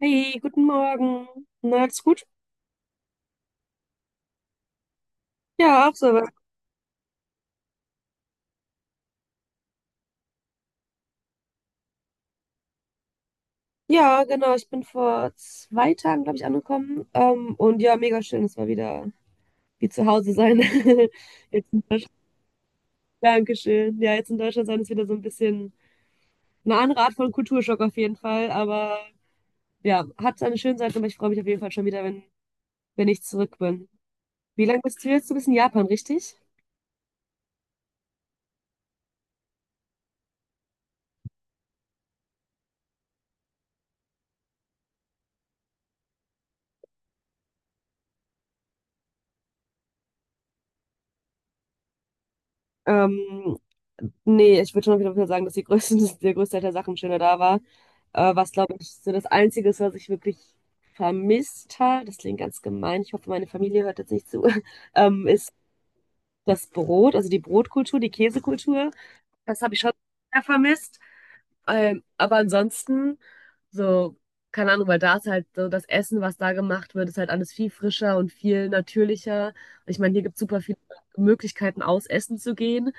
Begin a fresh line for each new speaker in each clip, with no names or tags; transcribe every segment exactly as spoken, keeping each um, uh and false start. Hey, guten Morgen. Na, alles gut? Ja, auch so. Ja, genau. Ich bin vor zwei Tagen, glaube ich, angekommen. Ähm, und ja, mega schön. Es war wieder wie zu Hause sein. Jetzt in Deutschland. Dankeschön. Ja, jetzt in Deutschland sein ist wieder so ein bisschen eine andere Art von Kulturschock auf jeden Fall. Aber ja, hat seine schönen Seiten, aber ich freue mich auf jeden Fall schon wieder, wenn, wenn ich zurück bin. Wie lange bist du jetzt? Du bist in Japan, richtig? Ähm, Nee, ich würde schon auf jeden Fall sagen, dass die größte, der größte Teil der Sachen schöner da war. Äh, was, glaube ich, so das Einzige ist, was ich wirklich vermisst habe, das klingt ganz gemein, ich hoffe, meine Familie hört jetzt nicht zu. Ähm, ist das Brot, also die Brotkultur, die Käsekultur. Das habe ich schon sehr vermisst. Ähm, aber ansonsten, so, keine Ahnung, weil da ist halt so das Essen, was da gemacht wird, ist halt alles viel frischer und viel natürlicher. Ich meine, hier gibt es super viele Möglichkeiten, aus Essen zu gehen.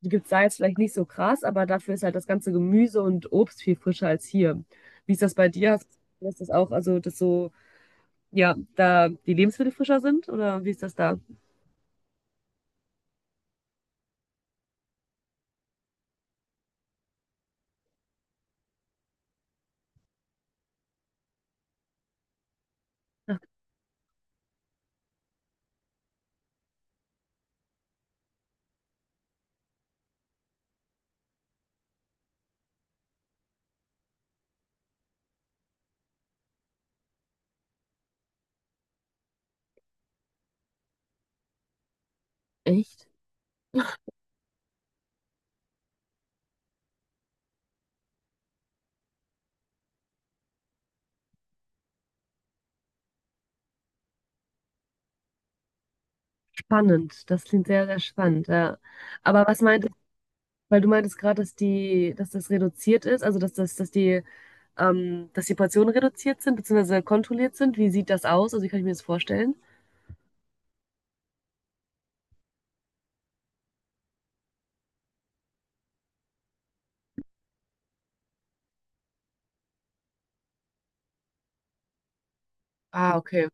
Die gibt es da jetzt vielleicht nicht so krass, aber dafür ist halt das ganze Gemüse und Obst viel frischer als hier. Wie ist das bei dir? Hast du das das auch, also dass so, ja, da die Lebensmittel frischer sind oder wie ist das da? Echt spannend. Das klingt sehr, sehr spannend, ja. Aber was meintest, weil du meintest gerade, dass die, dass das reduziert ist, also dass das, dass die, ähm, dass die Portionen reduziert sind, beziehungsweise kontrolliert sind. Wie sieht das aus? Also wie kann ich mir das vorstellen? Ah, okay.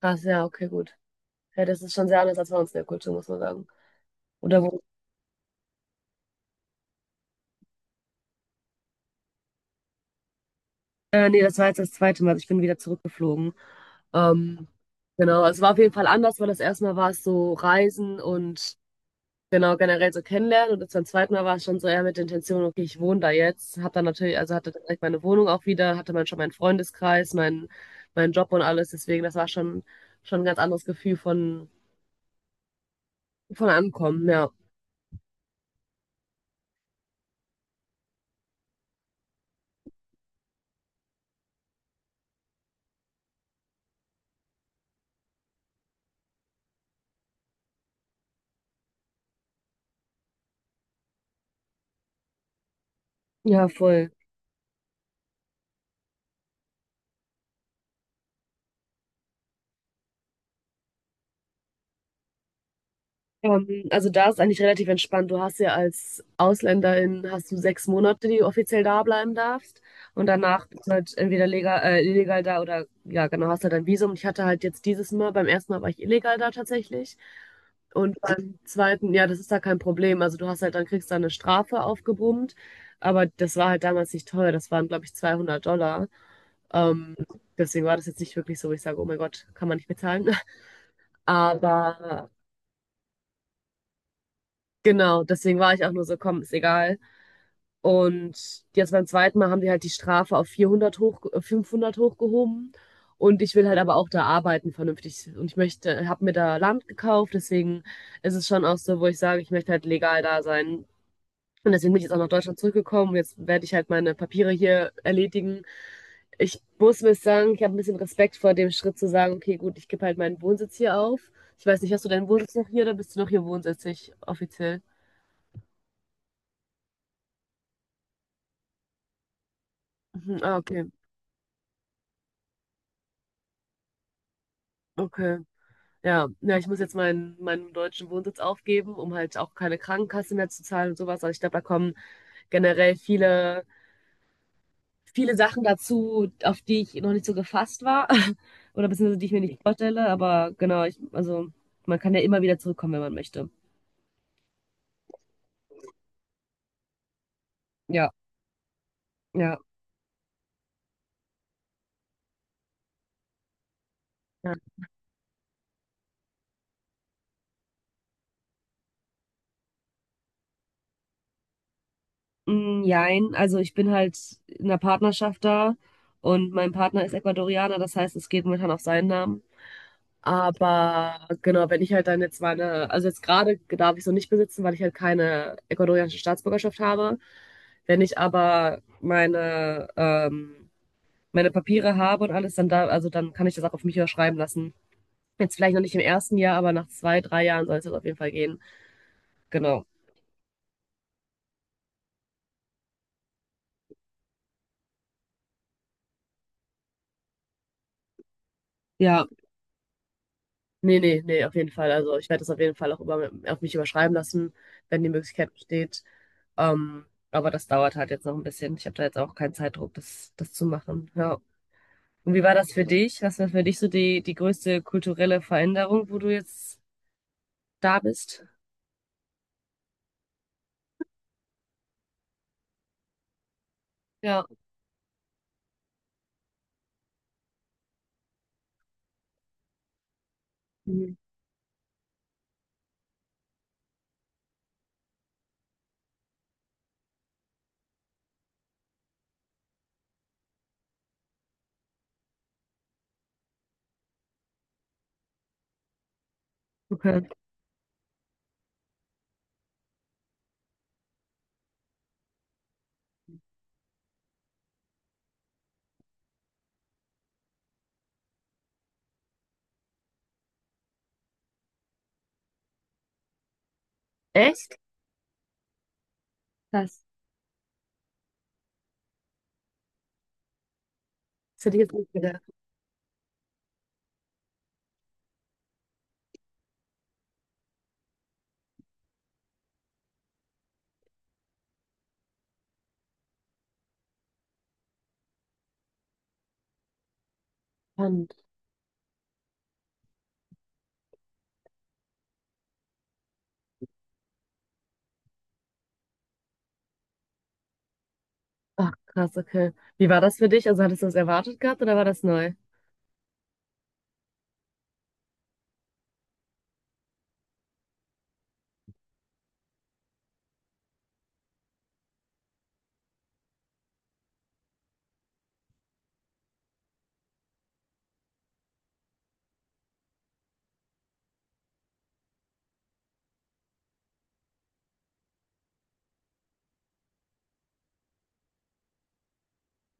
Krass, ja, okay, gut. Ja, das ist schon sehr anders als bei uns in der Kultur, muss man sagen. Oder wo. Äh, nee, das war jetzt das zweite Mal. Also ich bin wieder zurückgeflogen. Ähm, genau, also es war auf jeden Fall anders, weil das erste Mal war es so Reisen und genau generell so kennenlernen. Und das beim zweiten Mal war es schon so eher mit der Intention, okay, ich wohne da jetzt. Hab dann natürlich, also hatte direkt meine Wohnung auch wieder, hatte man schon meinen Freundeskreis, meinen meinen Job und alles. Deswegen, das war schon, schon ein ganz anderes Gefühl von, von Ankommen, ja. Ja, voll. Ähm, also da ist eigentlich relativ entspannt. Du hast ja als Ausländerin hast du sechs Monate, die du offiziell da bleiben darfst. Und danach bist du halt entweder legal, äh, illegal da oder ja, genau, hast halt ein Visum. Ich hatte halt jetzt dieses Mal, beim ersten Mal war ich illegal da tatsächlich. Und beim zweiten, ja, das ist da kein Problem. Also du hast halt, dann kriegst du eine Strafe aufgebrummt. Aber das war halt damals nicht teuer. Das waren, glaube ich, zweihundert Dollar. Ähm, Deswegen war das jetzt nicht wirklich so, wo ich sage, oh mein Gott, kann man nicht bezahlen. Aber genau, deswegen war ich auch nur so, komm, ist egal. Und jetzt beim zweiten Mal haben die halt die Strafe auf vierhundert hoch, äh, fünfhundert hochgehoben. Und ich will halt aber auch da arbeiten vernünftig. Und ich möchte, habe mir da Land gekauft, deswegen ist es schon auch so, wo ich sage, ich möchte halt legal da sein. Und deswegen bin ich jetzt auch nach Deutschland zurückgekommen. Jetzt werde ich halt meine Papiere hier erledigen. Ich muss mir sagen, ich habe ein bisschen Respekt vor dem Schritt zu sagen, okay, gut, ich gebe halt meinen Wohnsitz hier auf. Ich weiß nicht, hast du deinen Wohnsitz noch hier oder bist du noch hier wohnsitzig offiziell? Mhm, ah, okay. Okay. Ja, ja, ich muss jetzt meinen, meinen deutschen Wohnsitz aufgeben, um halt auch keine Krankenkasse mehr zu zahlen und sowas. Also ich glaube, da kommen generell viele, viele Sachen dazu, auf die ich noch nicht so gefasst war. Oder beziehungsweise die ich mir nicht vorstelle. Aber genau, ich, also man kann ja immer wieder zurückkommen, wenn man möchte. Ja, ja. Ja. Mm, jein, also ich bin halt in einer Partnerschaft da und mein Partner ist Ecuadorianer, das heißt, es geht momentan auf seinen Namen. Aber genau, wenn ich halt dann jetzt meine, also jetzt gerade darf ich es noch nicht besitzen, weil ich halt keine ecuadorianische Staatsbürgerschaft habe. Wenn ich aber meine, ähm, meine Papiere habe und alles, dann da, also dann kann ich das auch auf mich überschreiben lassen. Jetzt vielleicht noch nicht im ersten Jahr, aber nach zwei, drei Jahren soll es das auf jeden Fall gehen. Genau. Ja, nee, nee, nee, auf jeden Fall. Also ich werde das auf jeden Fall auch über, auf mich überschreiben lassen, wenn die Möglichkeit besteht. Ähm, aber das dauert halt jetzt noch ein bisschen. Ich habe da jetzt auch keinen Zeitdruck, das, das zu machen. Ja. Und wie war das für dich? Was war für dich so die, die größte kulturelle Veränderung, wo du jetzt da bist? Ja, mhm. Okay. Echt? Krass. Das hätte ich jetzt nicht gedacht. Spannend. Ach, krass, okay. Wie war das für dich? Also hattest du das erwartet gehabt oder war das neu?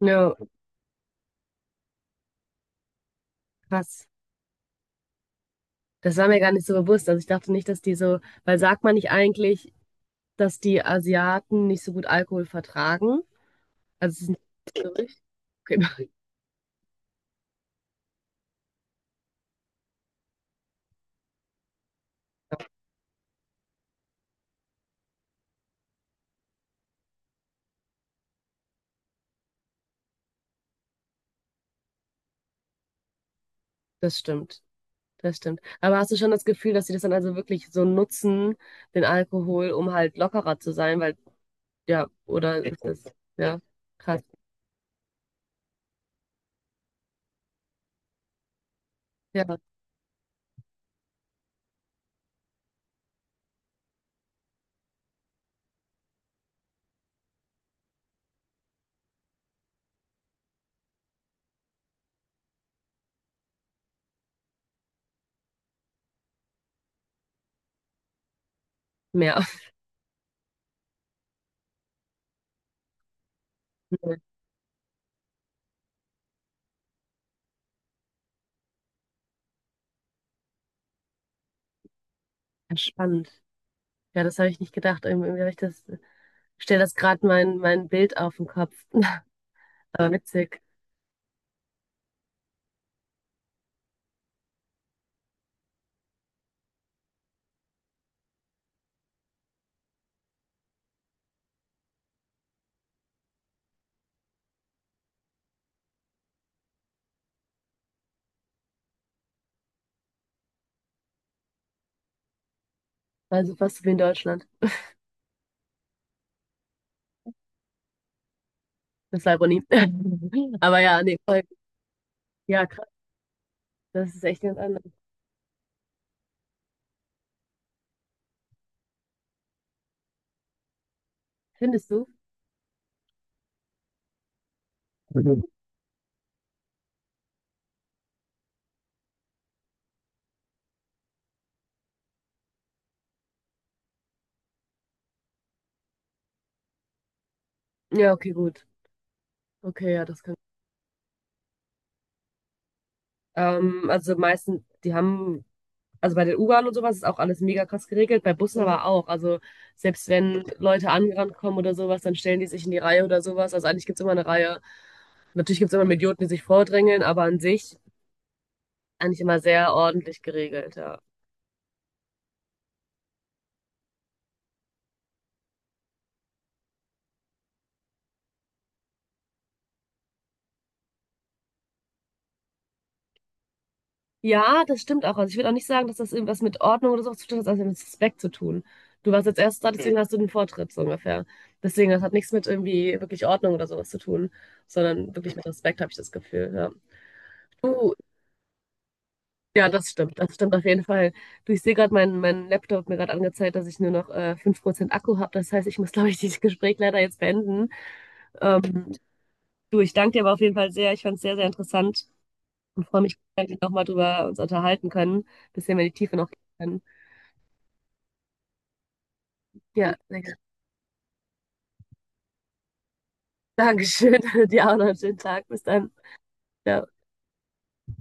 Ja, krass. Das war mir gar nicht so bewusst. Also ich dachte nicht, dass die so, weil sagt man nicht eigentlich, dass die Asiaten nicht so gut Alkohol vertragen? Also es ist nicht so richtig. Okay. Das stimmt. Das stimmt. Aber hast du schon das Gefühl, dass sie das dann also wirklich so nutzen, den Alkohol, um halt lockerer zu sein? Weil, ja, oder ist das, ja, krass. Ja, mehr. Ja, spannend. Ja, das habe ich nicht gedacht. Irgendwie irgendwie habe ich das, ich stelle das gerade mein, mein Bild auf den Kopf. Aber witzig. Also fast so wie in Deutschland. Das ist Ironie. Aber ja, nee, voll. Ja, krass. Das ist echt ganz anders. Findest du? Mhm. Ja, okay, gut. Okay, ja, das kann. Ähm, also meistens, die haben also bei den U-Bahnen und sowas ist auch alles mega krass geregelt, bei Bussen, mhm, aber auch. Also selbst wenn Leute angerannt kommen oder sowas, dann stellen die sich in die Reihe oder sowas. Also eigentlich gibt's immer eine Reihe. Natürlich gibt's immer Idioten, die sich vordrängeln, aber an sich eigentlich immer sehr ordentlich geregelt, ja. Ja, das stimmt auch. Also ich würde auch nicht sagen, dass das irgendwas mit Ordnung oder sowas zu tun hat, sondern mit Respekt zu tun. Du warst als erstes da, deswegen, mhm, hast du den Vortritt, so ungefähr. Deswegen, das hat nichts mit irgendwie wirklich Ordnung oder sowas zu tun, sondern wirklich mit Respekt, habe ich das Gefühl, ja. Du, ja, das stimmt. Das stimmt auf jeden Fall. Du, ich sehe gerade, mein, mein Laptop hat mir gerade angezeigt, dass ich nur noch äh, fünf Prozent Akku habe. Das heißt, ich muss, glaube ich, dieses Gespräch leider jetzt beenden. Ähm, du, ich danke dir aber auf jeden Fall sehr. Ich fand es sehr, sehr interessant und freue mich, wenn wir nochmal drüber uns unterhalten können, bisschen mehr in die Tiefe noch gehen können. Ja, sehr gerne. Dankeschön. Dir auch noch einen schönen Tag. Bis dann. Ciao.